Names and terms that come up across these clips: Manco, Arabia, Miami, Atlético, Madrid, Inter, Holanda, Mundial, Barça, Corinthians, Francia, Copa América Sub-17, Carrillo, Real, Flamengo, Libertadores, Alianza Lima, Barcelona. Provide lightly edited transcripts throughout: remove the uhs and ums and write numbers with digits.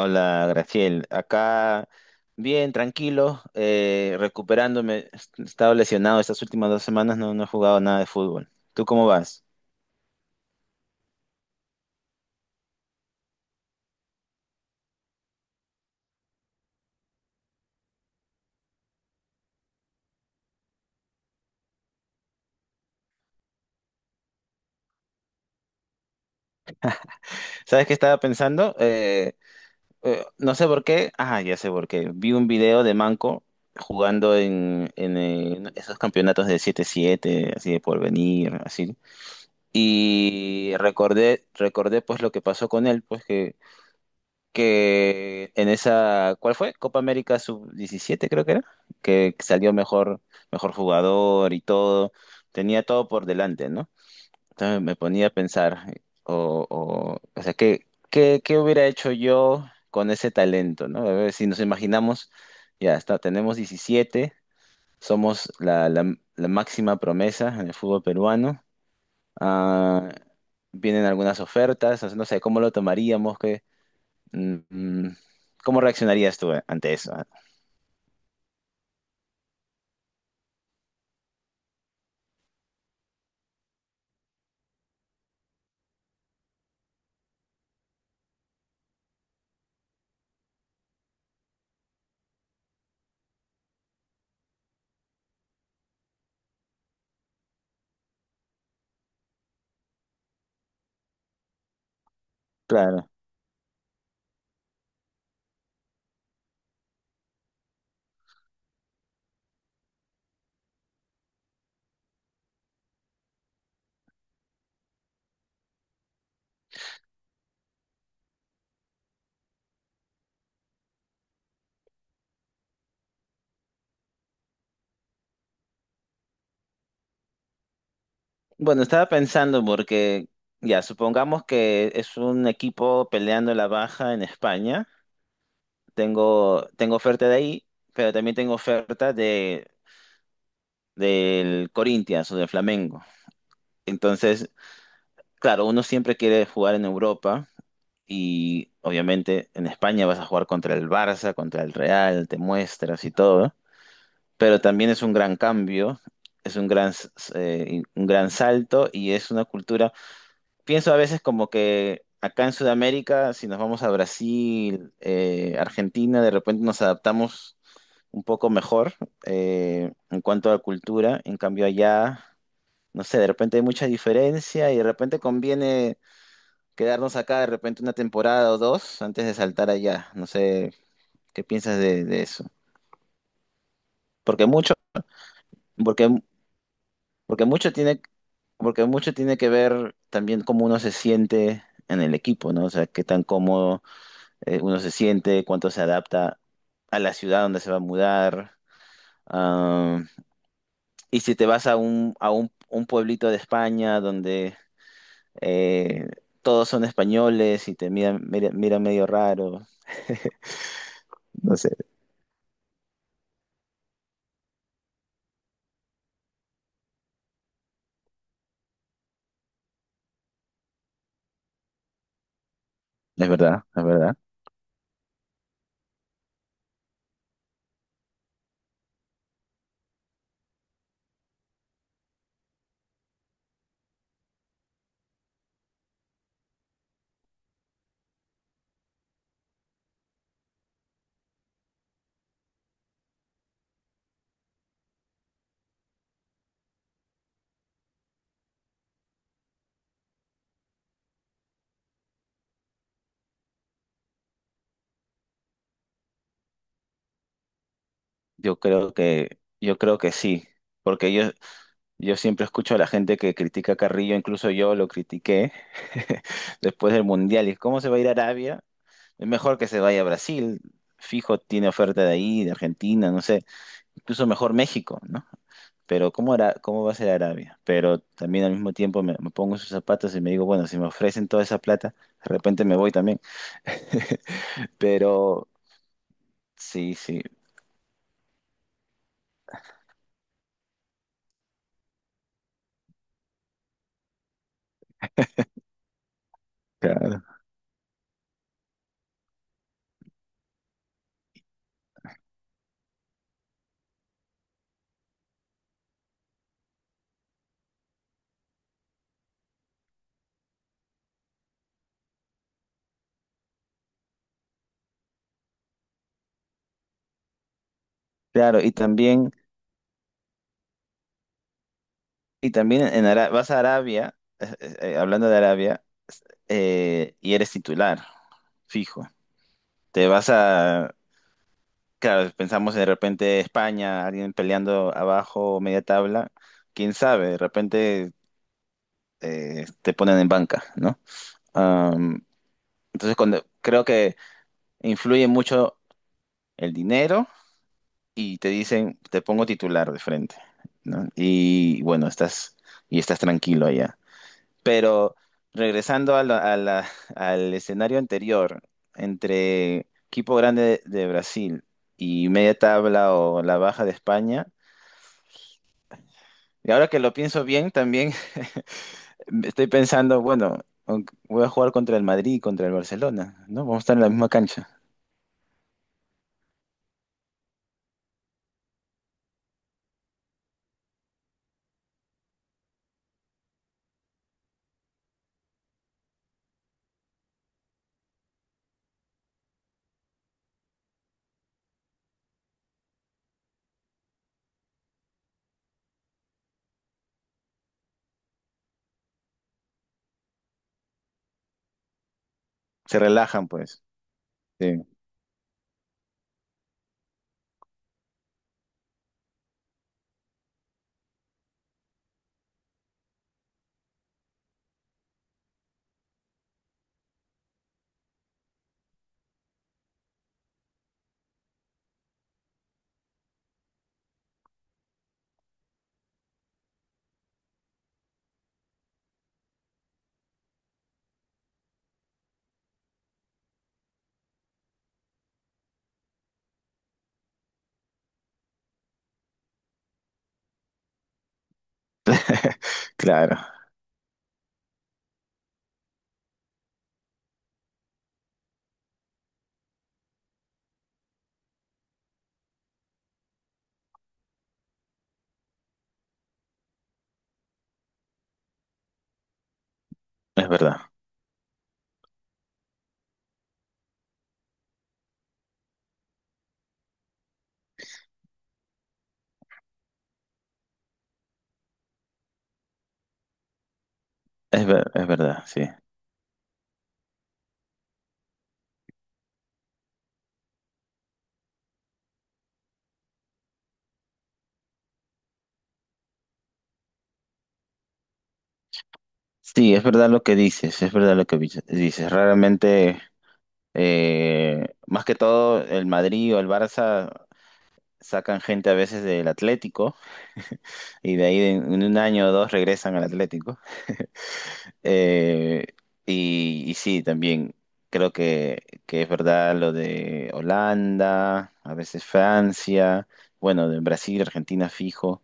Hola, Graciel. Acá bien, tranquilo, recuperándome. He estado lesionado estas últimas dos semanas, no he jugado nada de fútbol. ¿Tú cómo vas? ¿Sabes qué estaba pensando? No sé por qué. Ah, ya sé por qué. Vi un video de Manco jugando en esos campeonatos de siete siete así de porvenir, así. Y recordé pues lo que pasó con él, pues que en esa, ¿cuál fue? Copa América Sub-17 creo que era, que salió mejor jugador y todo, tenía todo por delante, ¿no? Entonces me ponía a pensar, o sea, ¿ qué hubiera hecho yo con ese talento, ¿no? A ver, si nos imaginamos, ya está, tenemos 17, somos la máxima promesa en el fútbol peruano, ah, vienen algunas ofertas, o sea, no sé cómo lo tomaríamos. Mm, ¿Cómo reaccionarías tú ante eso? Claro. Bueno, estaba pensando porque, ya, supongamos que es un equipo peleando la baja en España. Tengo oferta de ahí, pero también tengo oferta del Corinthians o del Flamengo. Entonces, claro, uno siempre quiere jugar en Europa y obviamente en España vas a jugar contra el Barça, contra el Real, te muestras y todo, pero también es un gran cambio, es un un gran salto y es una cultura. Pienso a veces como que acá en Sudamérica, si nos vamos a Brasil, Argentina, de repente nos adaptamos un poco mejor en cuanto a cultura, en cambio allá, no sé, de repente hay mucha diferencia y de repente conviene quedarnos acá de repente una temporada o dos antes de saltar allá. No sé, ¿qué piensas de eso? Porque mucho... Porque porque mucho tiene, porque mucho tiene que ver también cómo uno se siente en el equipo, ¿no? O sea, qué tan cómodo uno se siente, cuánto se adapta a la ciudad donde se va a mudar. Ah, y si te vas a un pueblito de España donde eh, todos son españoles y te miran, miran medio raro. No sé, es verdad, es verdad. Yo creo que sí. Porque yo siempre escucho a la gente que critica a Carrillo, incluso yo lo critiqué después del Mundial. ¿Y cómo se va a ir a Arabia? Es mejor que se vaya a Brasil. Fijo, tiene oferta de ahí, de Argentina, no sé. Incluso mejor México, ¿no? Pero ¿cómo hará, cómo va a ser Arabia? Pero también al mismo tiempo me pongo en sus zapatos y me digo, bueno, si me ofrecen toda esa plata, de repente me voy también. Pero sí, sí. Claro. Claro, y también en vas a Arabia, hablando de Arabia. Y eres titular, fijo. Te vas a, claro, pensamos de repente España, alguien peleando abajo, media tabla, quién sabe, de repente te ponen en banca, ¿no? Am, entonces cuando, creo que influye mucho el dinero y te dicen, te pongo titular de frente, ¿no? Y bueno, y estás tranquilo allá. Pero regresando a al escenario anterior, entre equipo grande de Brasil y media tabla o la baja de España, y ahora que lo pienso bien, también estoy pensando, bueno, aunque voy a jugar contra el Madrid y contra el Barcelona, ¿no? Vamos a estar en la misma cancha. Se relajan, pues. Sí, claro, es verdad, es verdad, sí. Sí, es verdad lo que dices, es verdad lo que dices. Raramente, más que todo, el Madrid o el Barça sacan gente a veces del Atlético y de ahí en un año o dos regresan al Atlético. Eh, y, y sí, también creo que es verdad lo de Holanda, a veces Francia, bueno, de Brasil, Argentina fijo.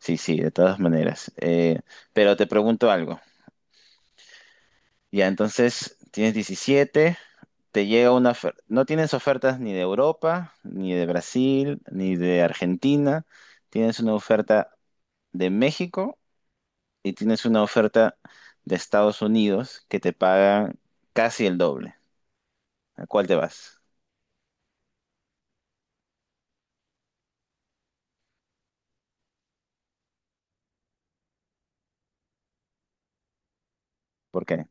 Sí, sí, de todas maneras. Pero te pregunto algo. Ya, entonces tienes diecisiete, te llega una oferta. No tienes ofertas ni de Europa, ni de Brasil, ni de Argentina. Tienes una oferta de México y tienes una oferta de Estados Unidos que te pagan casi el doble. ¿A cuál te vas? ¿Por qué?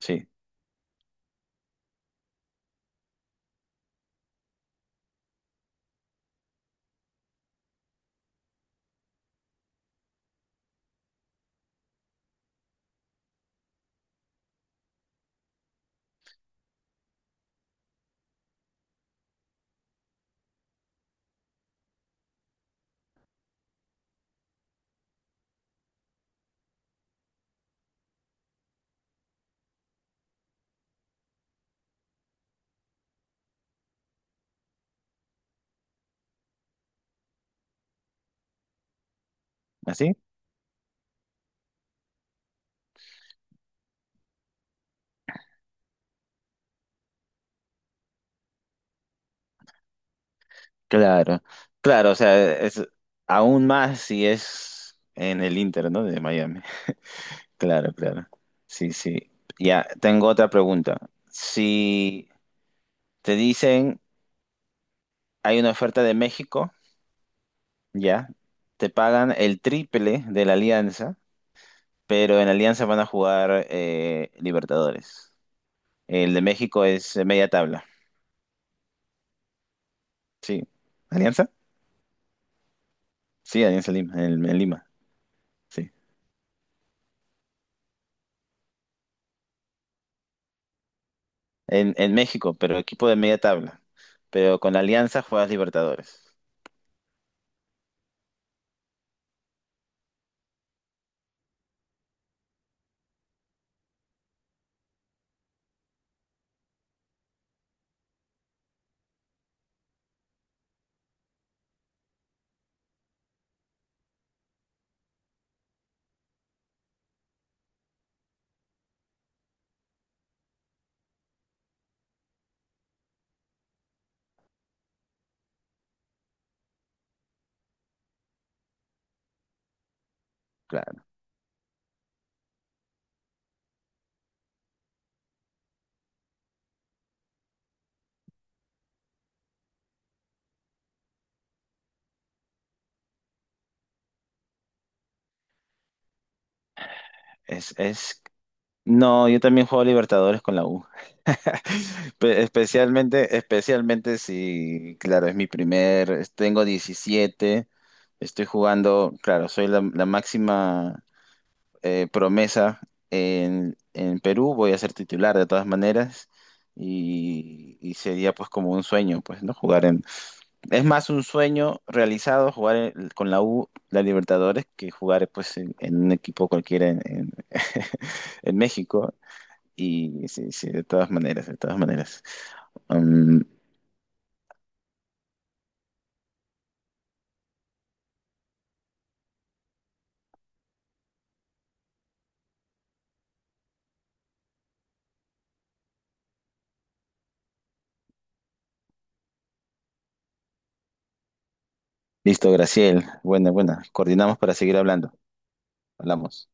Sí, ¿así? Claro, claro, o sea, es aún más si es en el Inter, ¿no? De Miami. Claro, claro. Sí, sí. Ya, tengo otra pregunta. Si te dicen hay una oferta de México, ya, te pagan el triple de la Alianza, pero en la Alianza van a jugar Libertadores. El de México es media tabla. Sí. ¿Alianza? Sí, Alianza Lima, en Lima. Sí. En México, pero equipo de media tabla. Pero con la Alianza juegas Libertadores. Claro. Es... No, yo también juego Libertadores con la U. Especialmente, especialmente si, claro, es mi primer, tengo 17, estoy jugando, claro, soy la máxima promesa en Perú, voy a ser titular de todas maneras y sería pues como un sueño, pues, ¿no? Jugar en... Es más un sueño realizado jugar con la U, la Libertadores, que jugar pues en un equipo cualquiera en México. Y sí, sí, de todas maneras, de todas maneras. Um, listo, Graciel. Buena, buena. Coordinamos para seguir hablando. Hablamos.